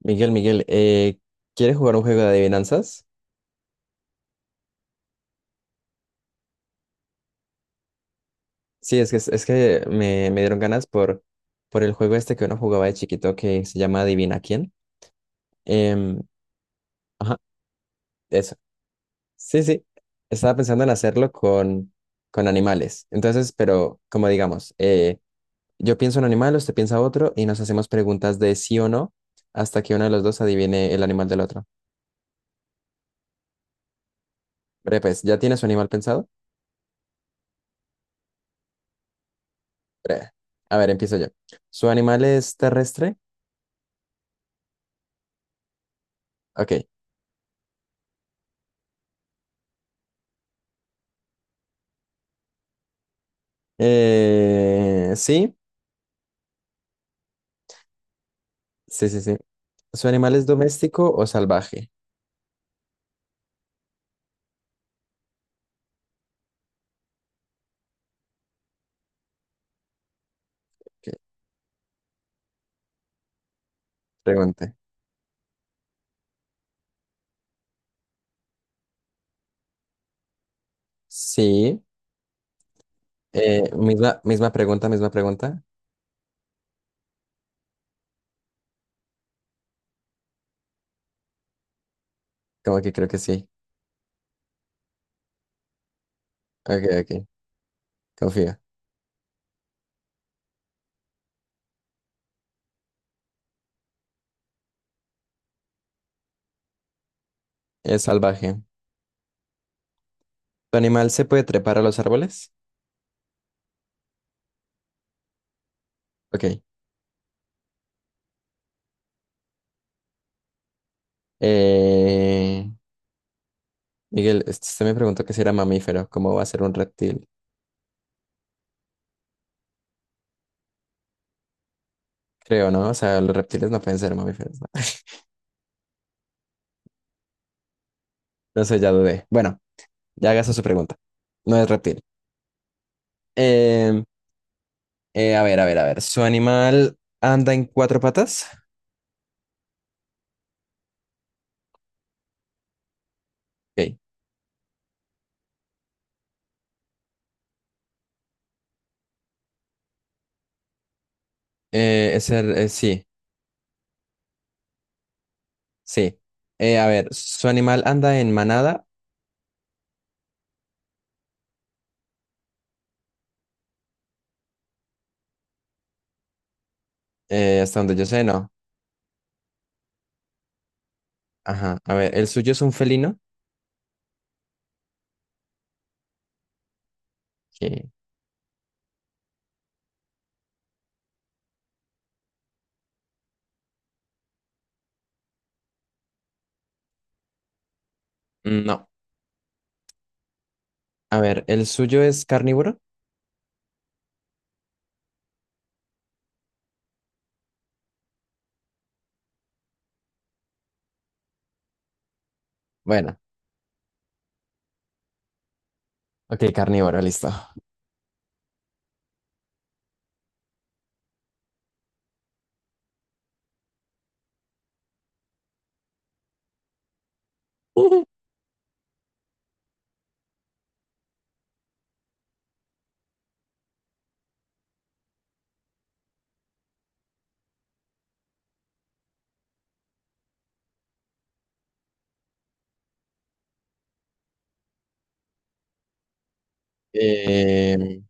Miguel, Miguel, ¿quieres jugar un juego de adivinanzas? Sí, es que me dieron ganas por el juego este que uno jugaba de chiquito que se llama Adivina quién. Em, ajá, eso. Sí, sí. Estaba pensando en hacerlo con animales. Entonces, pero como digamos, yo pienso un animal, usted piensa otro y nos hacemos preguntas de sí o no hasta que uno de los dos adivine el animal del otro. Breve, pues, ¿ya tiene su animal pensado? Breve. A ver, empiezo yo. ¿Su animal es terrestre? Ok. Sí, sí. ¿Su animal es doméstico o salvaje? Que Pregunta. Sí. Eh, misma pregunta, misma pregunta. Como que creo que sí. Ok, ok. Confío. Es salvaje. ¿Tu animal se puede trepar a los árboles? Ok. Eh, Miguel, usted me preguntó que si era mamífero. ¿Cómo va a ser un reptil? Creo, ¿no? O sea, los reptiles no pueden ser mamíferos, ¿no? No sé, ya dudé. Bueno, ya hagas su pregunta. No es reptil. Em, a ver, a ver. ¿Su animal anda en cuatro patas? Ok. Sí, sí. A ver, ¿su animal anda en manada? Hasta donde yo sé, no. Ajá. A ver, ¿el suyo es un felino? Ok. No. A ver, ¿el suyo es carnívoro? Bueno, ok, carnívoro, listo. Eh,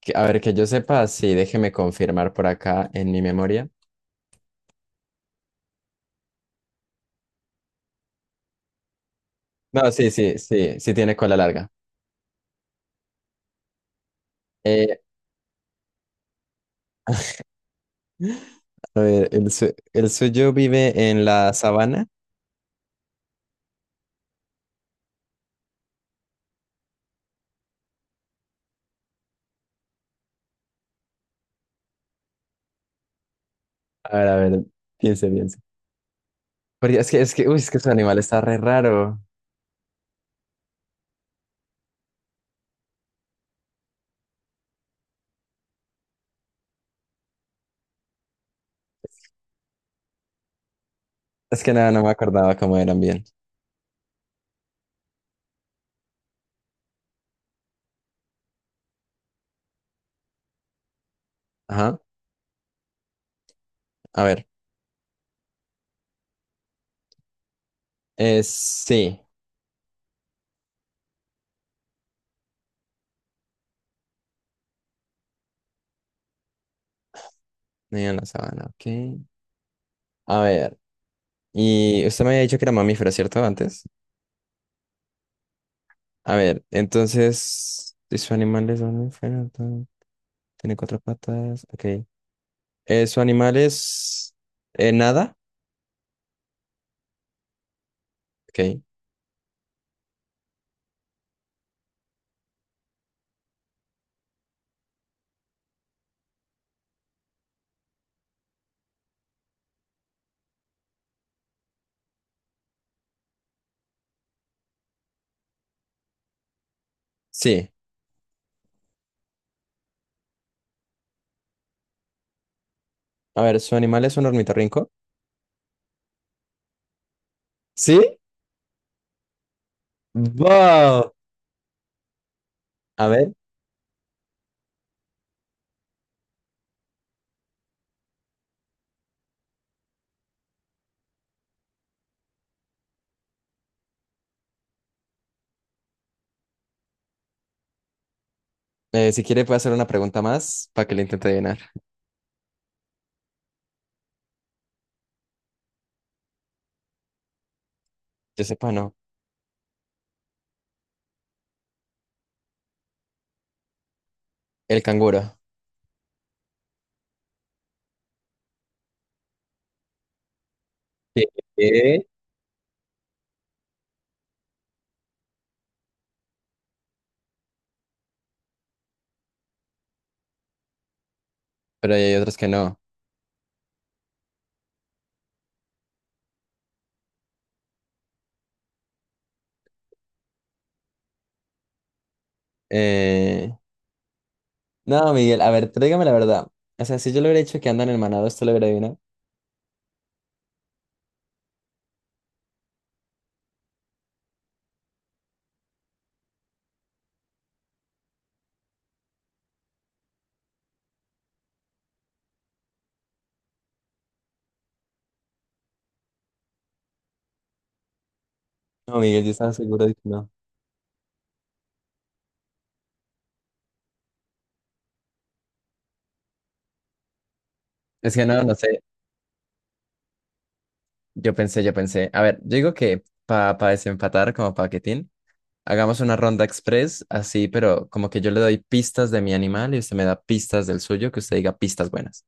a ver, que yo sepa, sí, déjeme confirmar por acá en mi memoria. No, sí tiene cola larga. Eh, a ver, ¿el suyo vive en la sabana? A ver, piense, piense. Porque es que, uy, es que su animal está re raro. Es que nada, no me acordaba cómo eran bien. Ajá, a ver. Sí, niño en la sabana, ok. A ver, y usted me había dicho que era mamífero, ¿cierto? Antes. A ver, entonces, si su animal es mamífero, tiene cuatro patas, ok. Su animal es... nada, ok. Sí. A ver, su animal es un ornitorrinco. ¿Sí? ¡Wow! A ver. Si quiere, puede hacer una pregunta más para que le intente adivinar. Yo sepa, no. El canguro. Sí. Eh, Pero hay otros que no. Eh, No, Miguel, a ver, tráigame la verdad. O sea, si yo le hubiera dicho que andan en manado, ¿esto lo hubiera adivinado? No, Miguel, yo estaba seguro de que no. Es que no, no sé. Yo pensé. A ver, yo digo que para desempatar, como paquetín, hagamos una ronda express, así, pero como que yo le doy pistas de mi animal y usted me da pistas del suyo, que usted diga pistas buenas.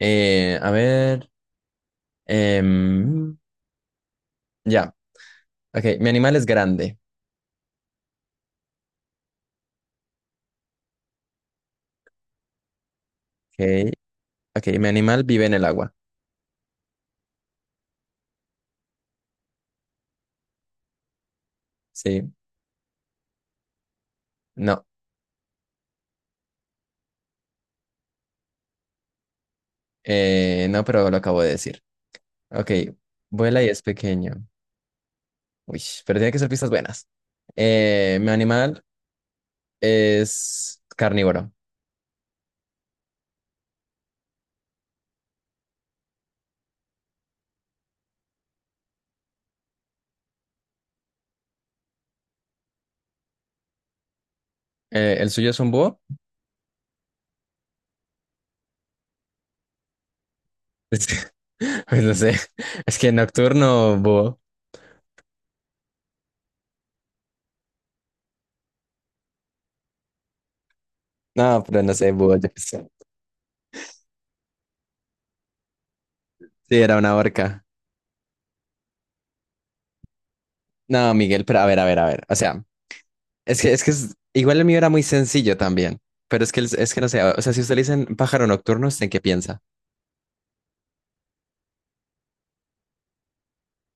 A ver. Em, ya. Ok, mi animal es grande. Ok, ok, mi animal vive en el agua. Sí, no, no, pero lo acabo de decir. Ok, vuela y es pequeño. Uy, pero tiene que ser pistas buenas. Mi animal es carnívoro. ¿El suyo es un búho? Es que- Pues no sé, es que nocturno búho. No, pero no sé, búho, yo qué sé. Sí, era una orca. No, Miguel, pero a ver, a ver. O sea. Igual el mío era muy sencillo también, pero es que no sé, o sea, si usted le dicen pájaro nocturno, ¿usted en qué piensa?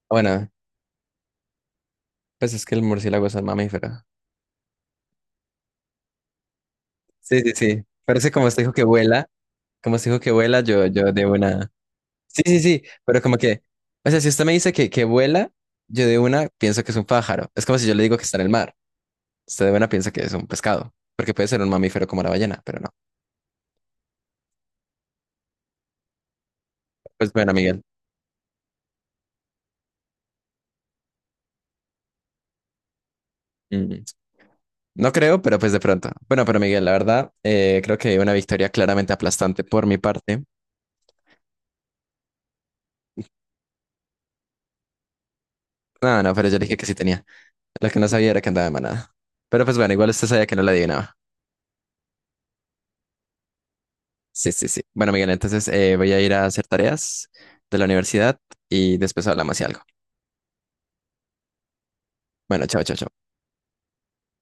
Bueno, pues es que el murciélago es un mamífero. Sí, sí, sí, pero es que como usted dijo que vuela, como usted dijo que vuela, yo de una... Sí, sí, sí, pero como que, o sea, si usted me dice que vuela, yo de una pienso que es un pájaro. Es como si yo le digo que está en el mar, usted de una piensa que es un pescado, porque puede ser un mamífero como la ballena, pero no. Pues bueno, Miguel. Mm, no creo, pero pues de pronto. Bueno, pero Miguel, la verdad, creo que una victoria claramente aplastante por mi parte. No, no, pero yo le dije que sí tenía. Lo que no sabía era que andaba de manada. Pero pues bueno, igual usted sabía que no la adivinaba. Sí, sí, sí. Bueno, Miguel, entonces voy a ir a hacer tareas de la universidad y después hablamos y algo. Bueno, chao, chao, chao.